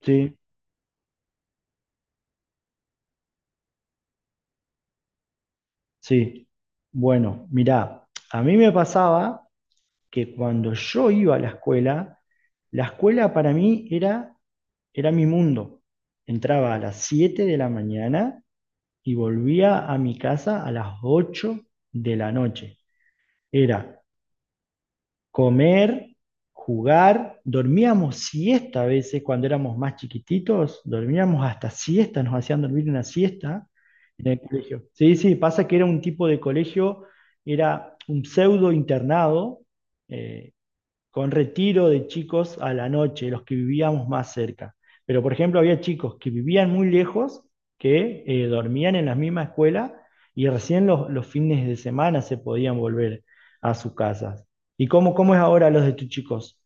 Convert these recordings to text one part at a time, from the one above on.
Sí, sí. Bueno, mirá, a mí me pasaba que cuando yo iba a la escuela para mí era mi mundo. Entraba a las 7 de la mañana y volvía a mi casa a las 8 de la noche. Era comer, jugar, dormíamos siesta a veces cuando éramos más chiquititos, dormíamos hasta siesta, nos hacían dormir una siesta en el colegio. Sí, sí, pasa que era un tipo de colegio, era un pseudo internado, eh, con retiro de chicos a la noche, los que vivíamos más cerca. Pero, por ejemplo, había chicos que vivían muy lejos, que dormían en la misma escuela y recién los fines de semana se podían volver a sus casas. ¿Y cómo es ahora los de tus chicos?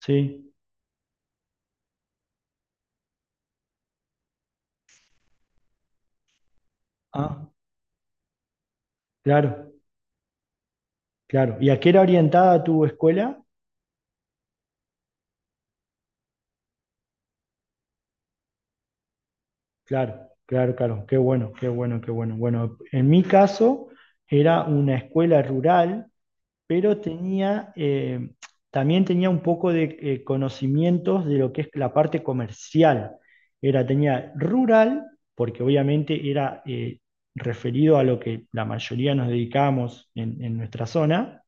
Sí. Ah, claro, claro. ¿Y a qué era orientada tu escuela? Claro, claro, claro. Qué bueno, qué bueno, qué bueno. Bueno, en mi caso era una escuela rural pero tenía, también tenía un poco de conocimientos de lo que es la parte comercial. Era, tenía rural, porque obviamente era referido a lo que la mayoría nos dedicamos en nuestra zona,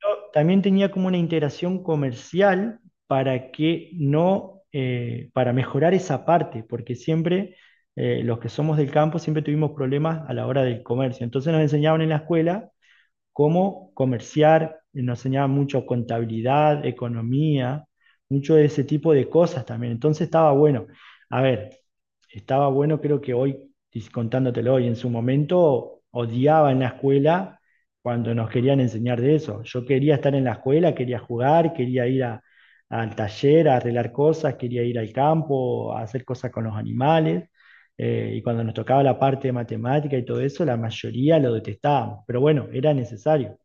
pero también tenía como una integración comercial para que no, para mejorar esa parte, porque siempre los que somos del campo siempre tuvimos problemas a la hora del comercio. Entonces nos enseñaban en la escuela cómo comerciar, nos enseñaba mucho contabilidad, economía, mucho de ese tipo de cosas también. Entonces estaba bueno. A ver, estaba bueno, creo que hoy, y contándotelo hoy, en su momento odiaba en la escuela cuando nos querían enseñar de eso. Yo quería estar en la escuela, quería jugar, quería ir al taller a arreglar cosas, quería ir al campo, a hacer cosas con los animales. Y cuando nos tocaba la parte de matemática y todo eso, la mayoría lo detestábamos. Pero bueno, era necesario.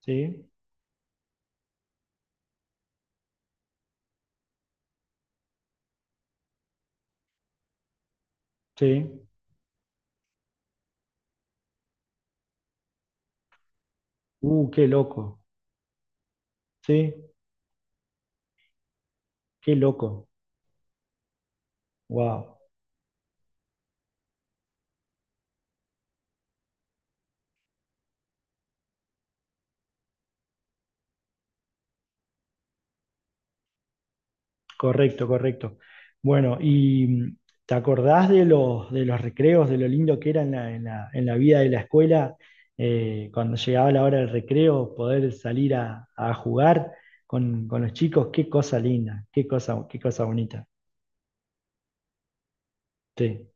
Sí, sí. Qué loco. Sí, qué loco. Wow. Correcto, correcto. Bueno, y ¿te acordás de los recreos, de lo lindo que era en la vida de la escuela? Cuando llegaba la hora del recreo, poder salir a jugar con los chicos, qué cosa linda, qué cosa bonita. Sí,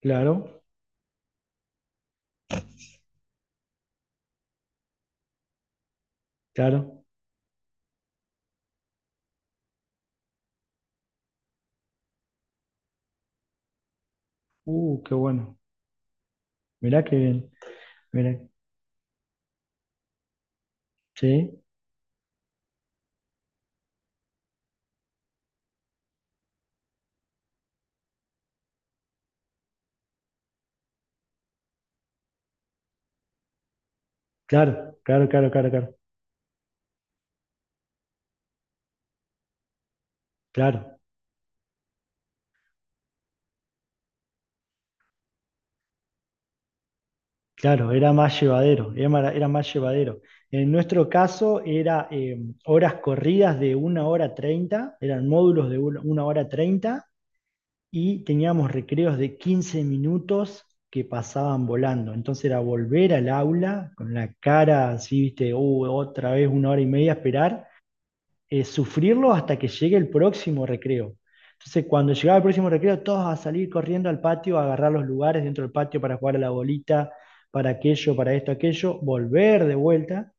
claro, claro. Qué bueno. Mirá qué bien. Mirá. Sí, claro, claro, claro, claro, claro. Claro, claro, era más llevadero, era más llevadero. En nuestro caso era horas corridas de una hora 30. Eran módulos de una hora 30 y teníamos recreos de 15 minutos que pasaban volando. Entonces era volver al aula con la cara así, viste, otra vez una hora y media a esperar sufrirlo hasta que llegue el próximo recreo. Entonces, cuando llegaba el próximo recreo, todos a salir corriendo al patio, a agarrar los lugares dentro del patio para jugar a la bolita, para aquello, para esto, aquello, volver de vuelta.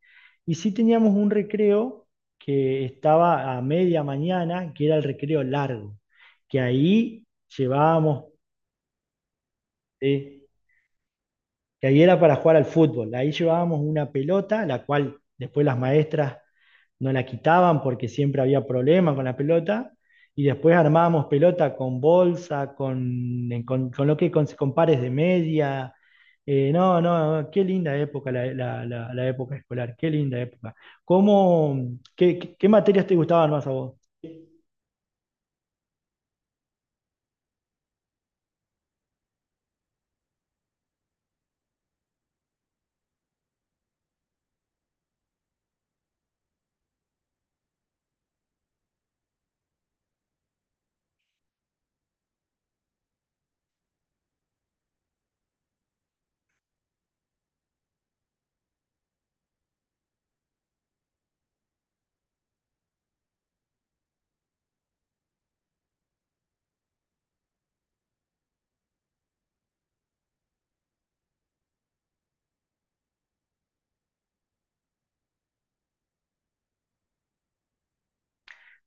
Y sí teníamos un recreo que estaba a media mañana, que era el recreo largo, que ahí llevábamos, eh, que ahí era para jugar al fútbol, ahí llevábamos una pelota, la cual después las maestras no la quitaban porque siempre había problemas con la pelota. Y después armábamos pelota con bolsa, con lo que con pares de media. No, no, qué linda época la época escolar, qué linda época. ¿Cómo, qué materias te gustaban más a vos?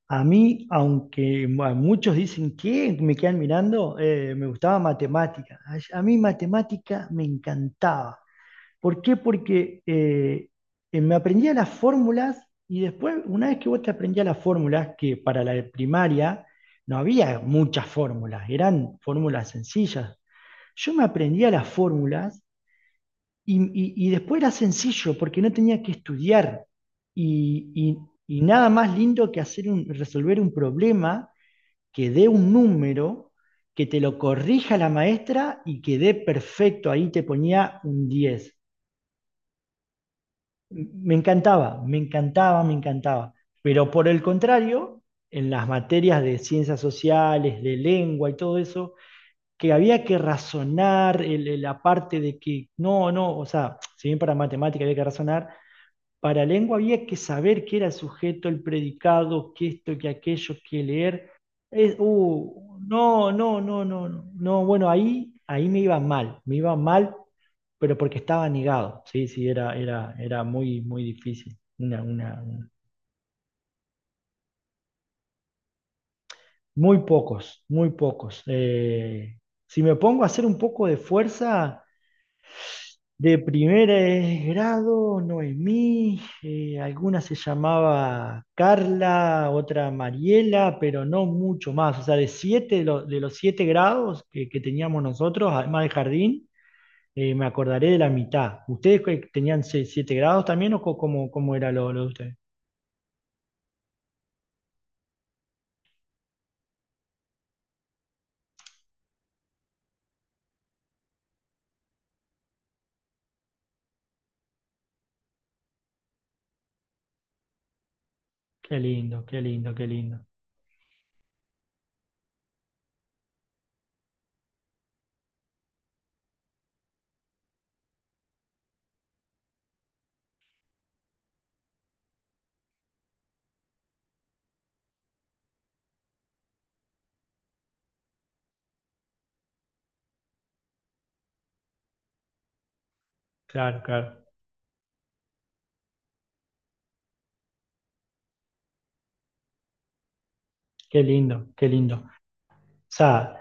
A mí, aunque a muchos dicen que me quedan mirando, me gustaba matemática. A mí matemática me encantaba. ¿Por qué? Porque me aprendía las fórmulas y después, una vez que vos te aprendías las fórmulas, que para la de primaria no había muchas fórmulas, eran fórmulas sencillas. Yo me aprendía las fórmulas y después era sencillo porque no tenía que estudiar y, y- y nada más lindo que hacer un, resolver un problema que dé un número, que te lo corrija la maestra y que dé perfecto, ahí te ponía un 10. Me encantaba, me encantaba, me encantaba. Pero por el contrario, en las materias de ciencias sociales, de lengua y todo eso, que había que razonar la parte de que, no, no, o sea, si bien para matemática había que razonar, para lengua había que saber qué era el sujeto, el predicado, qué esto, qué aquello, qué leer. No, no, no, no, no, no, bueno, ahí me iba mal pero porque estaba negado, sí, sí, era muy, muy difícil. Muy pocos, muy pocos. Si me pongo a hacer un poco de fuerza, de primer grado, Noemí, alguna se llamaba Carla, otra Mariela, pero no mucho más. O sea, de siete, de los siete grados que teníamos nosotros, además del jardín, me acordaré de la mitad. ¿Ustedes que tenían siete grados también o cómo era lo de ustedes? Qué lindo, qué lindo, qué lindo. Claro, claro. Qué lindo, qué lindo. O sea,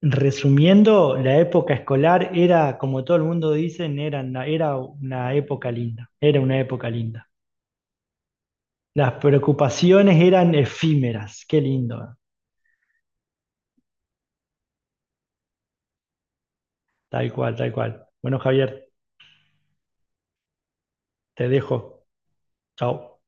resumiendo, la época escolar era, como todo el mundo dice, era una época linda. Era una época linda. Las preocupaciones eran efímeras. Qué lindo. Tal cual, tal cual. Bueno, Javier, te dejo. Chao.